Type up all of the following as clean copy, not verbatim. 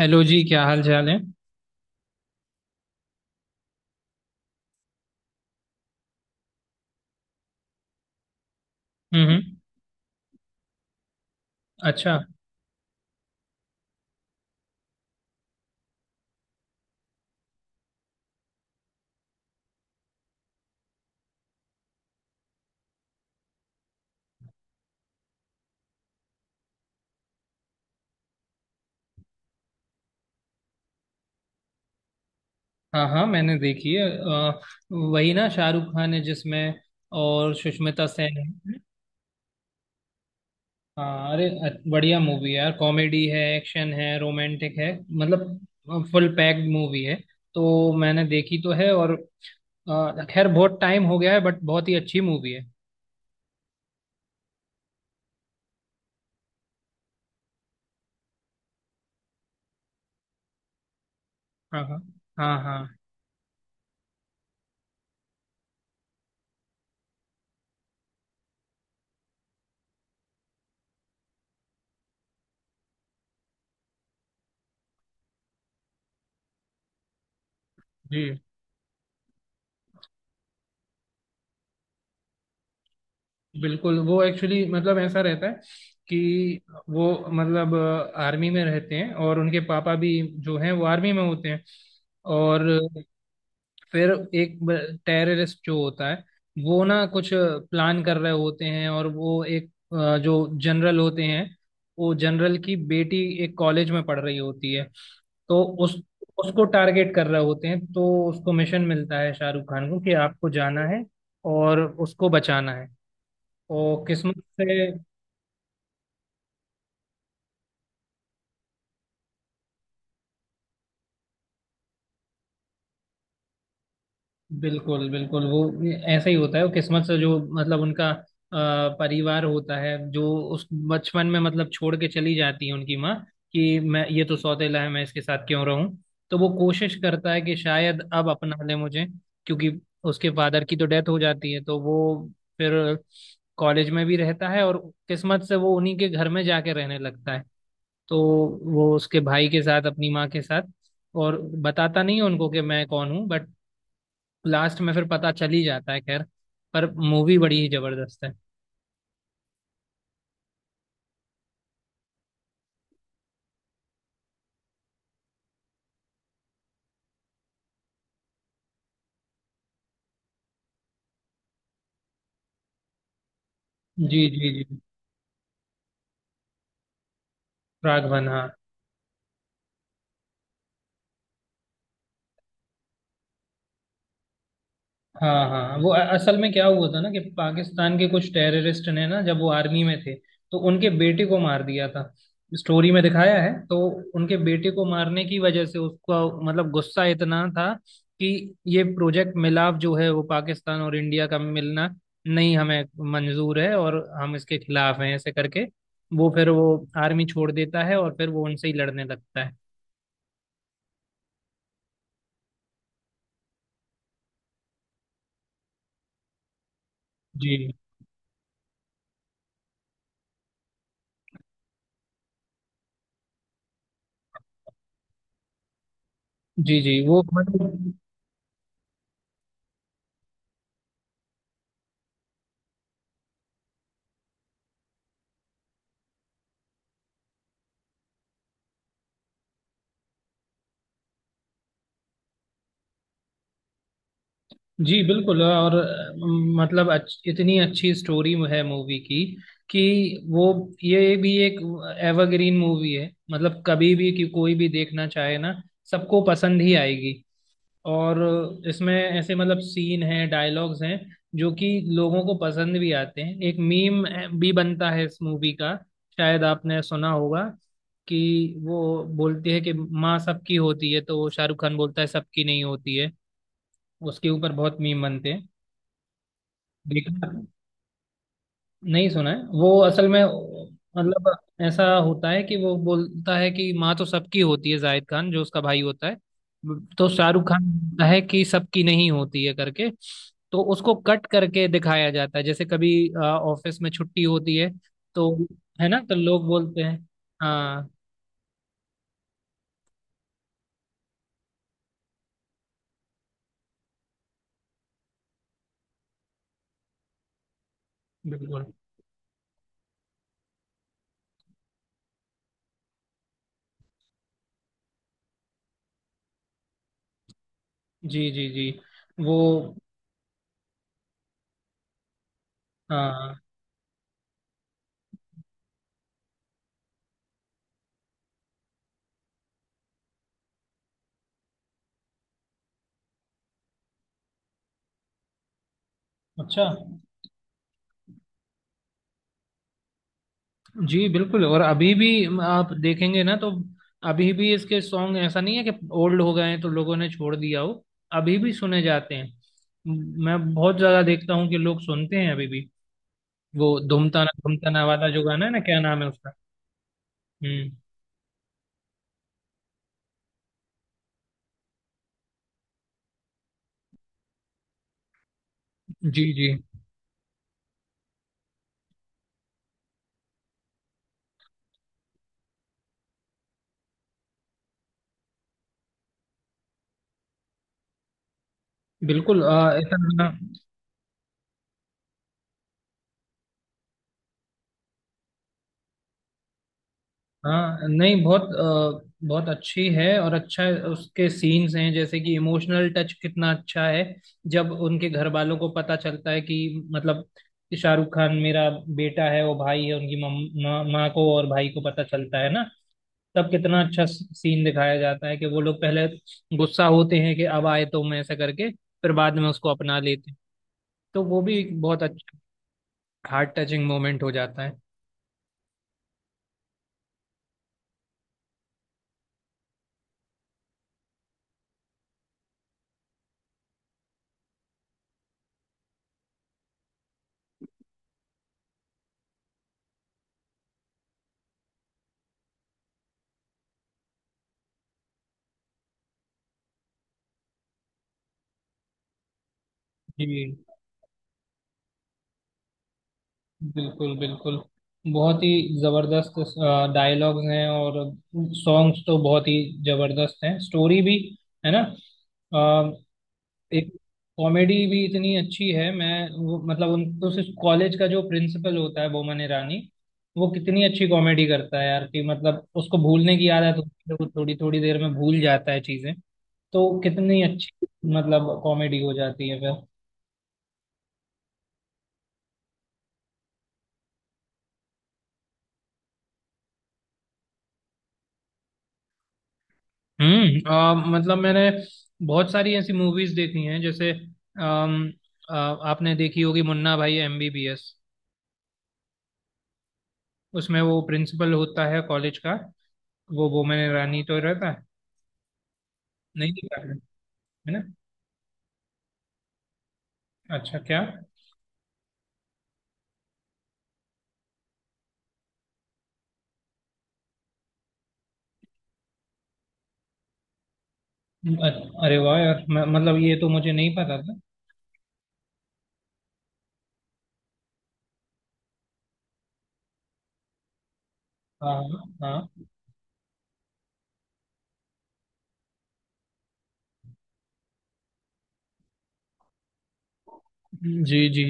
Hello जी, क्या हाल चाल है? हम्म। हम्म, अच्छा। हाँ हाँ, मैंने देखी है, वही ना, शाहरुख खान है जिसमें, और सुष्मिता सेन है। हाँ, अरे बढ़िया मूवी है यार, कॉमेडी है, एक्शन है, रोमांटिक है, मतलब फुल पैक्ड मूवी है। तो मैंने देखी तो है, और खैर बहुत टाइम हो गया है बट बहुत ही अच्छी मूवी है। हाँ हाँ हाँ हाँ। जी बिल्कुल, वो एक्चुअली मतलब ऐसा रहता है कि वो मतलब आर्मी में रहते हैं, और उनके पापा भी जो हैं वो आर्मी में होते हैं। और फिर एक टेररिस्ट जो होता है वो ना कुछ प्लान कर रहे होते हैं, और वो एक जो जनरल होते हैं, वो जनरल की बेटी एक कॉलेज में पढ़ रही होती है, तो उस उसको टारगेट कर रहे होते हैं। तो उसको मिशन मिलता है शाहरुख खान को कि आपको जाना है और उसको बचाना है। वो किस्मत से बिल्कुल बिल्कुल। वो ऐसा ही होता है, वो किस्मत से जो मतलब उनका परिवार होता है, जो उस बचपन में मतलब छोड़ के चली जाती है उनकी माँ कि मैं, ये तो सौतेला है, मैं इसके साथ क्यों रहूं। तो वो कोशिश करता है कि शायद अब अपना ले मुझे, क्योंकि उसके फादर की तो डेथ हो जाती है। तो वो फिर कॉलेज में भी रहता है, और किस्मत से वो उन्हीं के घर में जाके रहने लगता है, तो वो उसके भाई के साथ अपनी माँ के साथ। और बताता नहीं है उनको कि मैं कौन हूँ, बट लास्ट में फिर पता चल ही जाता है। खैर, पर मूवी बड़ी ही जबरदस्त है। जी जी जी। प्रागवन, हाँ। हाँ हाँ हाँ। वो असल में क्या हुआ था ना कि पाकिस्तान के कुछ टेररिस्ट ने ना, जब वो आर्मी में थे तो उनके बेटे को मार दिया था, स्टोरी में दिखाया है। तो उनके बेटे को मारने की वजह से उसका मतलब गुस्सा इतना था कि ये प्रोजेक्ट मिलाप जो है, वो पाकिस्तान और इंडिया का मिलना नहीं, हमें मंजूर है, और हम इसके खिलाफ हैं ऐसे करके। वो फिर वो आर्मी छोड़ देता है, और फिर वो उनसे ही लड़ने लगता है। जी जी जी। वो मतलब जी बिल्कुल। और मतलब इतनी अच्छी स्टोरी है मूवी की कि वो, ये भी एक एवरग्रीन मूवी है, मतलब कभी भी कि कोई भी देखना चाहे ना, सबको पसंद ही आएगी। और इसमें ऐसे मतलब सीन हैं, डायलॉग्स हैं जो कि लोगों को पसंद भी आते हैं। एक मीम भी बनता है इस मूवी का, शायद आपने सुना होगा कि वो बोलती है कि माँ सबकी होती है तो शाहरुख खान बोलता है सबकी नहीं होती है। उसके ऊपर बहुत मीम बनते हैं। देखा नहीं? सुना है वो असल में मतलब ऐसा होता है कि वो बोलता है कि माँ तो सबकी होती है, जाहिद खान जो उसका भाई होता है, तो शाहरुख खान बोलता है कि सबकी नहीं होती है करके। तो उसको कट करके दिखाया जाता है, जैसे कभी ऑफिस में छुट्टी होती है तो। है ना? तो लोग बोलते हैं। हाँ बिल्कुल। जी जी जी वो हाँ अच्छा। जी बिल्कुल, और अभी भी आप देखेंगे ना तो अभी भी इसके सॉन्ग ऐसा नहीं है कि ओल्ड हो गए हैं तो लोगों ने छोड़ दिया हो, अभी भी सुने जाते हैं। मैं बहुत ज्यादा देखता हूँ कि लोग सुनते हैं अभी भी। वो धूमताना धूमताना वाला जो गाना है ना, क्या नाम है उसका? हम्म। जी जी बिल्कुल। ऐसा गाना। हाँ नहीं, बहुत बहुत अच्छी है। और अच्छा, उसके सीन्स हैं जैसे कि इमोशनल टच कितना अच्छा है जब उनके घर वालों को पता चलता है कि मतलब कि शाहरुख खान मेरा बेटा है, वो भाई है उनकी, मम- माँ माँ को और भाई को पता चलता है ना। तब कितना अच्छा सीन दिखाया जाता है कि वो लोग पहले गुस्सा होते हैं कि अब आए तो मैं ऐसा करके, फिर बाद में उसको अपना लेते हैं। तो वो भी एक बहुत अच्छा हार्ट टचिंग मोमेंट हो जाता है। जी बिल्कुल बिल्कुल, बहुत ही जबरदस्त डायलॉग्स हैं, और सॉन्ग्स तो बहुत ही जबरदस्त हैं। स्टोरी भी, है ना। अ, एक कॉमेडी भी इतनी अच्छी है। मैं वो मतलब उन उस कॉलेज का जो प्रिंसिपल होता है बोमन ईरानी, वो कितनी अच्छी कॉमेडी करता है यार कि मतलब उसको भूलने की आदत होती है, वो थोड़ी थोड़ी देर में भूल जाता है चीजें, तो कितनी अच्छी मतलब कॉमेडी हो जाती है फिर। मतलब मैंने बहुत सारी ऐसी मूवीज देखी हैं, जैसे आ, आपने देखी होगी मुन्ना भाई एमबीबीएस, उसमें वो प्रिंसिपल होता है कॉलेज का वो बोमन ईरानी तो रहता है। नहीं देखा है? है ना? अच्छा क्या? अ- अरे वाह यार, मतलब ये तो मुझे नहीं पता था। हाँ हाँ। जी जी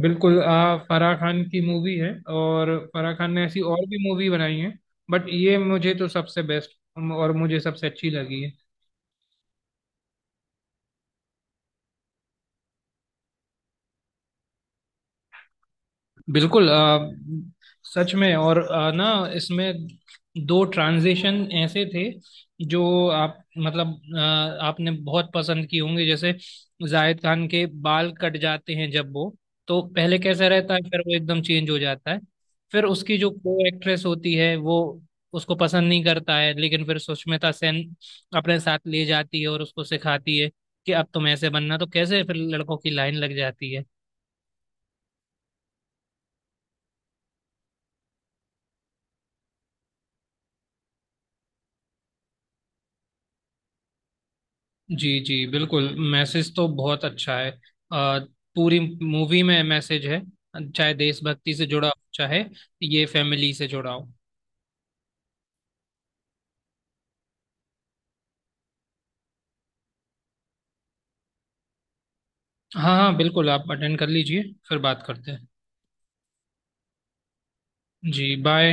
बिल्कुल। फराह खान की मूवी है, और फराह खान ने ऐसी और भी मूवी बनाई है, बट ये मुझे तो सबसे बेस्ट और मुझे सबसे अच्छी लगी है। बिल्कुल। सच में। और ना इसमें दो ट्रांजिशन ऐसे थे जो आप मतलब आपने बहुत पसंद किए होंगे, जैसे जाहिद खान के बाल कट जाते हैं जब वो, तो पहले कैसा रहता है फिर वो एकदम चेंज हो जाता है। फिर उसकी जो को एक्ट्रेस होती है वो, उसको पसंद नहीं करता है, लेकिन फिर सुष्मिता सेन अपने साथ ले जाती है और उसको सिखाती है कि अब तुम ऐसे बनना तो कैसे फिर लड़कों की लाइन लग जाती है। जी जी बिल्कुल, मैसेज तो बहुत अच्छा है। पूरी मूवी में मैसेज है, चाहे देशभक्ति से जुड़ा हो, चाहे ये फैमिली से जुड़ा हो। हाँ हाँ बिल्कुल, आप अटेंड कर लीजिए, फिर बात करते हैं। जी बाय।